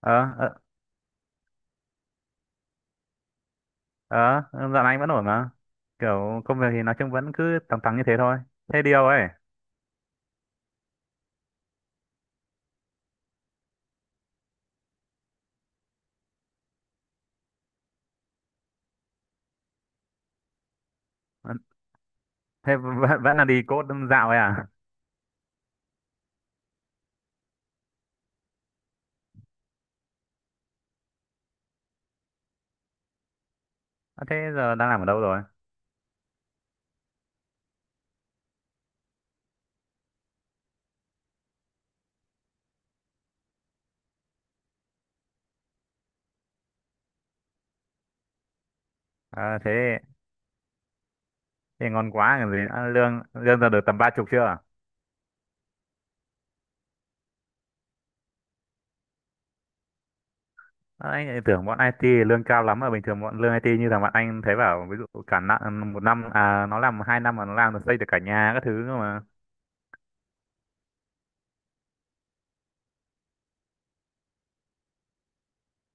ờ ờ ờ Dạo này anh vẫn ổn mà, kiểu công việc thì nói chung vẫn cứ tầm tầm như thế thôi, thế điều ấy. ờ, Thế vẫn là đi code dạo ấy à? Ờ, thế giờ đang làm ở đâu rồi? Ờ, thế thì ngon quá còn gì nữa. Lương lương giờ được tầm ba chục chưa? Ờ, anh lại tưởng bọn IT lương cao lắm mà, bình thường bọn lương IT như thằng bạn anh thấy bảo ví dụ cả năm một năm à, nó làm hai năm mà nó làm được, xây được cả nhà các thứ cơ mà.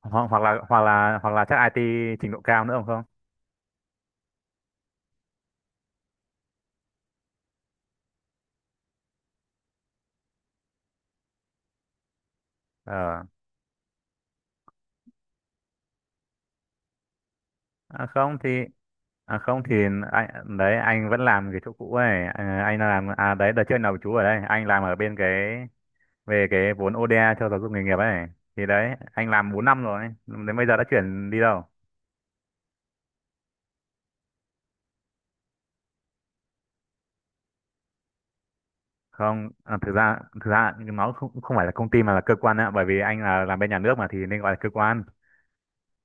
Hoặc hoặc là hoặc là hoặc là chắc IT trình độ cao nữa, không không Ờ. À không thì à không thì anh đấy, anh vẫn làm cái chỗ cũ ấy, anh làm, đấy đợt trước nào chú ở đây anh làm ở bên cái về cái vốn ODA cho giáo dục nghề nghiệp ấy. Thì đấy, anh làm 4 năm rồi đến bây giờ đã chuyển đi đâu. Không à, thực ra nó không không phải là công ty mà là cơ quan ạ, bởi vì anh là làm bên nhà nước mà, thì nên gọi là cơ quan.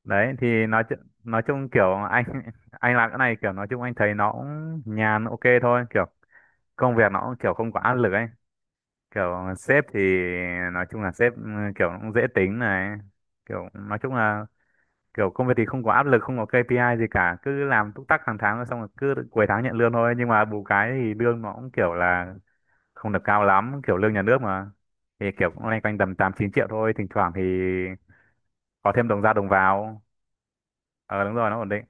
Đấy thì nói chung kiểu anh anh làm cái này kiểu nói chung anh thấy nó cũng nhàn, ok thôi, kiểu công việc nó cũng kiểu không có áp lực ấy. Kiểu sếp thì nói chung là sếp kiểu cũng dễ tính này, kiểu nói chung là kiểu công việc thì không có áp lực, không có KPI gì cả, cứ làm túc tắc hàng tháng rồi xong rồi cứ cuối tháng nhận lương thôi. Nhưng mà bù cái thì lương nó cũng kiểu là không được cao lắm, kiểu lương nhà nước mà, thì kiểu cũng loanh quanh tầm tám chín triệu thôi, thỉnh thoảng thì có thêm đồng ra đồng vào. Ờ đúng rồi, nó ổn định.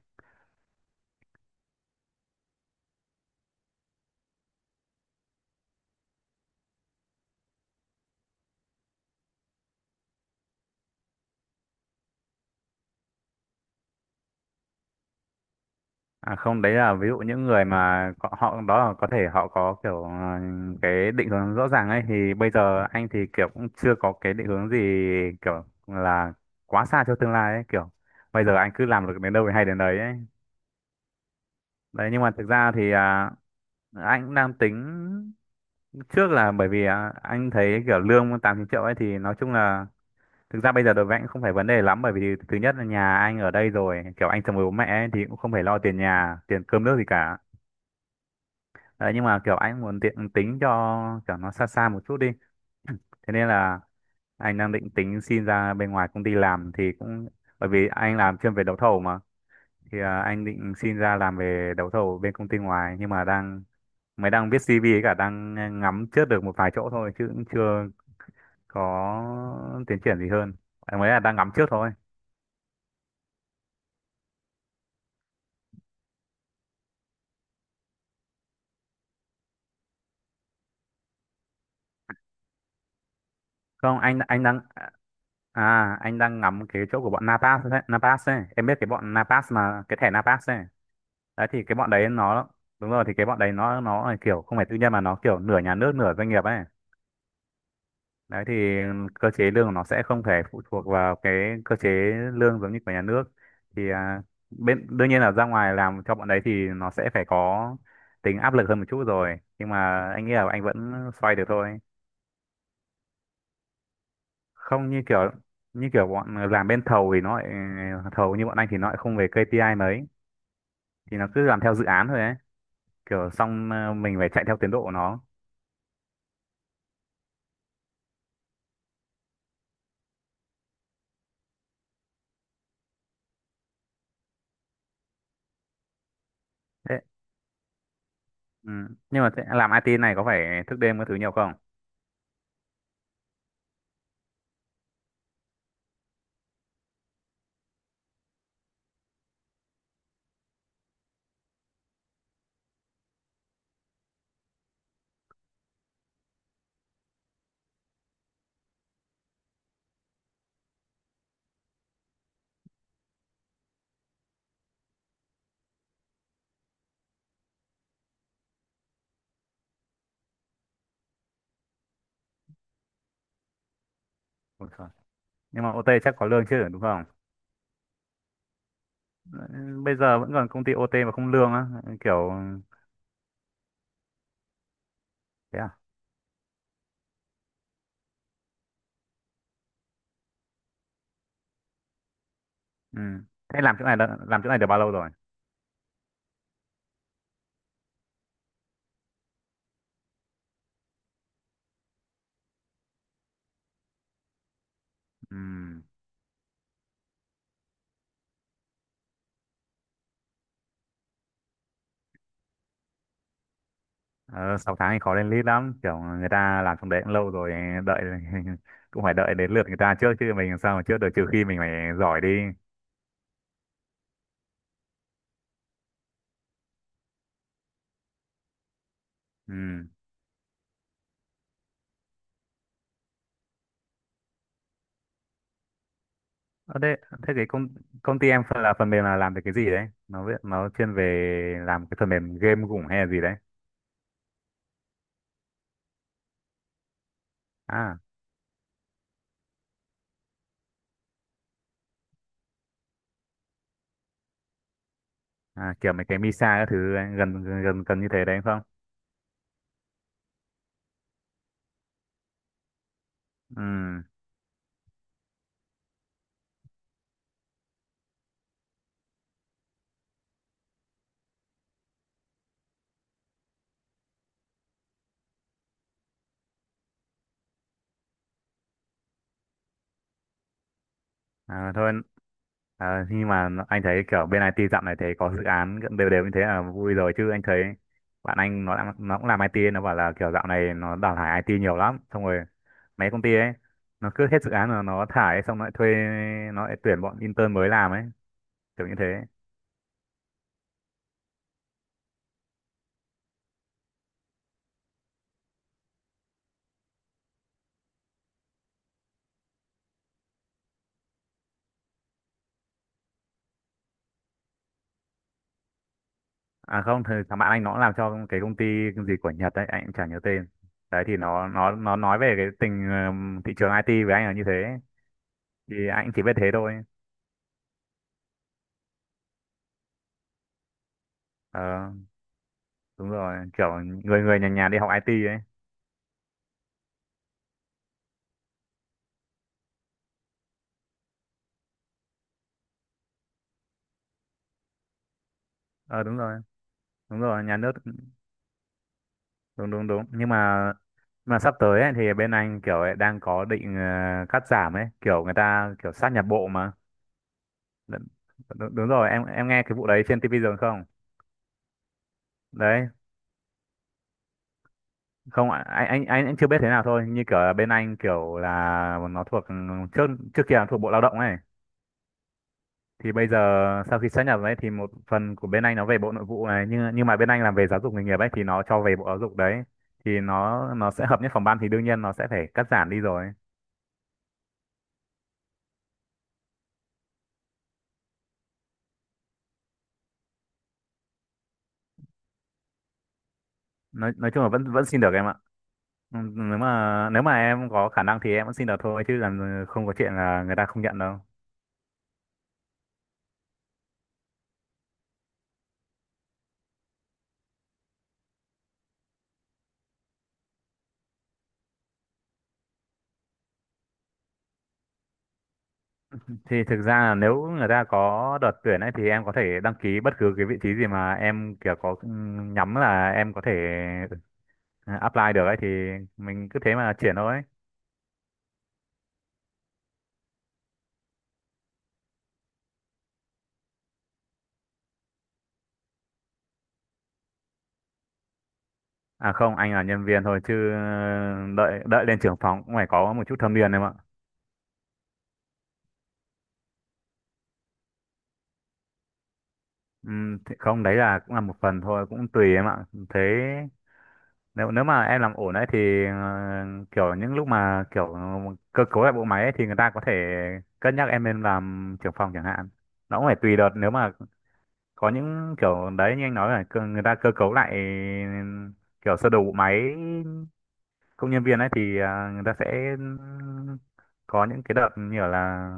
À không, đấy là ví dụ những người mà họ đó là có thể họ có kiểu cái định hướng rõ ràng ấy, thì bây giờ anh thì kiểu cũng chưa có cái định hướng gì, kiểu là quá xa cho tương lai ấy, kiểu bây giờ anh cứ làm được đến đâu thì hay đến đấy ấy. Đấy, nhưng mà thực ra thì anh cũng đang tính trước, là bởi vì anh thấy kiểu lương 8 9 triệu ấy thì nói chung là thực ra bây giờ đối với anh cũng không phải vấn đề lắm, bởi vì thứ nhất là nhà anh ở đây rồi, kiểu anh chồng với bố mẹ ấy, thì cũng không phải lo tiền nhà tiền cơm nước gì cả. Đấy, nhưng mà kiểu anh muốn tiện tính cho kiểu nó xa xa một chút đi. Thế nên là anh đang định tính xin ra bên ngoài công ty làm, thì cũng bởi vì anh làm chuyên về đấu thầu mà, thì anh định xin ra làm về đấu thầu bên công ty ngoài, nhưng mà đang mới đang viết CV ấy, cả đang ngắm trước được một vài chỗ thôi chứ cũng chưa có tiến triển gì hơn. Anh mới là đang ngắm trước thôi. Không, anh đang anh đang ngắm cái chỗ của bọn Napas đấy, Napas ấy. Em biết cái bọn Napas mà, cái thẻ Napas ấy. Đấy thì cái bọn đấy nó, đúng rồi, thì cái bọn đấy nó là kiểu không phải tư nhân mà nó kiểu nửa nhà nước nửa doanh nghiệp ấy. Đấy thì cơ chế lương của nó sẽ không thể phụ thuộc vào cái cơ chế lương giống như của nhà nước. Thì bên đương nhiên là ra ngoài làm cho bọn đấy thì nó sẽ phải có tính áp lực hơn một chút rồi, nhưng mà anh nghĩ là anh vẫn xoay được thôi. Không, như kiểu như kiểu bọn làm bên thầu thì nó lại, thầu như bọn anh thì nó lại không về KPI mấy, thì nó cứ làm theo dự án thôi ấy, kiểu xong mình phải chạy theo tiến độ của nó. Thế. Ừ. Nhưng mà làm IT này có phải thức đêm các thứ nhiều không? Ôi trời. Nhưng mà OT chắc có lương chứ đúng không? Ừ, bây giờ vẫn còn công ty OT mà không lương á, kiểu thế à? Ừ. Thế làm làm chỗ này được bao lâu rồi? Ừ. Ờ, 6 tháng thì khó lên lead lắm, kiểu người ta làm trong đấy cũng lâu rồi, đợi cũng phải đợi đến lượt người ta trước chứ mình làm sao mà trước được, trừ khi mình phải giỏi đi. Ừ. Ở đây thế cái công công ty em phần là phần mềm là làm về cái gì đấy? Nó chuyên về làm cái phần mềm game cũng hay là gì đấy? À. À, kiểu mấy cái Misa các thứ gần, gần như thế đấy không. Ừ. à, thôi nhưng mà anh thấy kiểu bên IT dạo này thấy có dự án gần đều đều như thế là vui rồi, chứ anh thấy bạn anh nó cũng làm IT ấy, nó bảo là kiểu dạo này nó đào thải IT nhiều lắm, xong rồi mấy công ty ấy nó cứ hết dự án là nó thải, xong nó lại thuê, nó lại tuyển bọn intern mới làm ấy, kiểu như thế. À không thì thằng bạn anh nó cũng làm cho cái công ty gì của Nhật ấy, anh cũng chả nhớ tên, đấy thì nó nói về cái thị trường IT với anh là như thế, thì anh chỉ biết thế thôi. Ờ đúng rồi, kiểu người người nhà nhà đi học IT ấy. Ờ đúng rồi, đúng rồi, nhà nước, đúng đúng đúng nhưng mà sắp tới ấy, thì bên anh kiểu ấy đang có định cắt giảm ấy, kiểu người ta kiểu sát nhập bộ mà. Đúng, đúng rồi, em nghe cái vụ đấy trên TV rồi không? Đấy, không ạ, anh chưa biết thế nào thôi, như kiểu là bên anh kiểu là nó thuộc trước trước kia là thuộc bộ lao động ấy, thì bây giờ sau khi sát nhập đấy thì một phần của bên anh nó về bộ nội vụ này, nhưng mà bên anh làm về giáo dục nghề nghiệp ấy thì nó cho về bộ giáo dục. Đấy thì nó sẽ hợp nhất phòng ban, thì đương nhiên nó sẽ phải cắt giảm đi rồi. Nói chung là vẫn vẫn xin được em ạ. Ừ, nếu mà em có khả năng thì em vẫn xin được thôi chứ, làm không có chuyện là người ta không nhận đâu. Thì thực ra là nếu người ta có đợt tuyển ấy thì em có thể đăng ký bất cứ cái vị trí gì mà em kiểu có nhắm là em có thể ừ, apply được ấy, thì mình cứ thế mà chuyển thôi. À không, anh là nhân viên thôi chứ đợi đợi lên trưởng phòng cũng phải có một chút thâm niên em ạ. Thì không, đấy là cũng là một phần thôi, cũng tùy em ạ. Thế nếu nếu mà em làm ổn đấy thì kiểu những lúc mà kiểu cơ cấu lại bộ máy ấy, thì người ta có thể cân nhắc em lên làm trưởng phòng chẳng hạn. Nó cũng phải tùy đợt, nếu mà có những kiểu đấy như anh nói là người ta cơ cấu lại kiểu sơ đồ bộ máy công nhân viên ấy, thì người ta sẽ có những cái đợt như kiểu là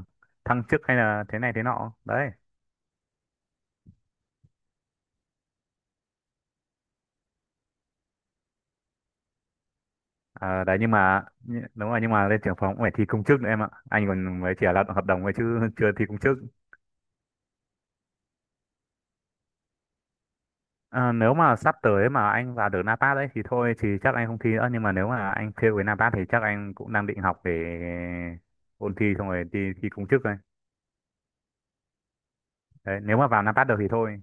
thăng chức hay là thế này thế nọ đấy. Đấy nhưng mà đúng rồi, nhưng mà lên trưởng phòng cũng phải thi công chức nữa em ạ, anh còn mới chỉ là lao động hợp đồng thôi chứ chưa thi công chức. À, nếu mà sắp tới mà anh vào được NAPAT đấy thì thôi thì chắc anh không thi nữa, nhưng mà nếu mà anh fail với NAPAT thì chắc anh cũng đang định học để ôn thi xong rồi đi thi công chức thôi. Đấy nếu mà vào NAPAT được thì thôi.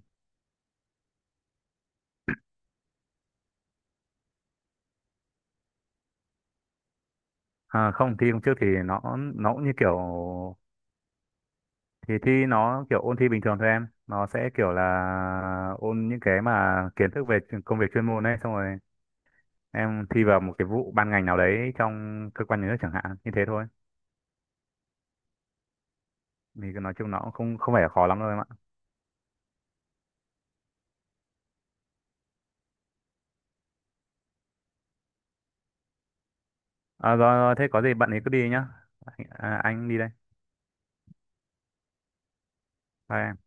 À, không, thi công chức thì nó cũng như kiểu, thì thi nó kiểu ôn thi bình thường thôi em, nó sẽ kiểu là ôn những cái mà kiến thức về công việc chuyên môn ấy, xong rồi em thi vào một cái vụ ban ngành nào đấy trong cơ quan nhà nước chẳng hạn, như thế thôi. Thì nói chung nó cũng không không phải là khó lắm đâu em ạ. À, rồi, rồi, thế có gì bạn ấy cứ đi nhá. À, anh đi đây. Bye em.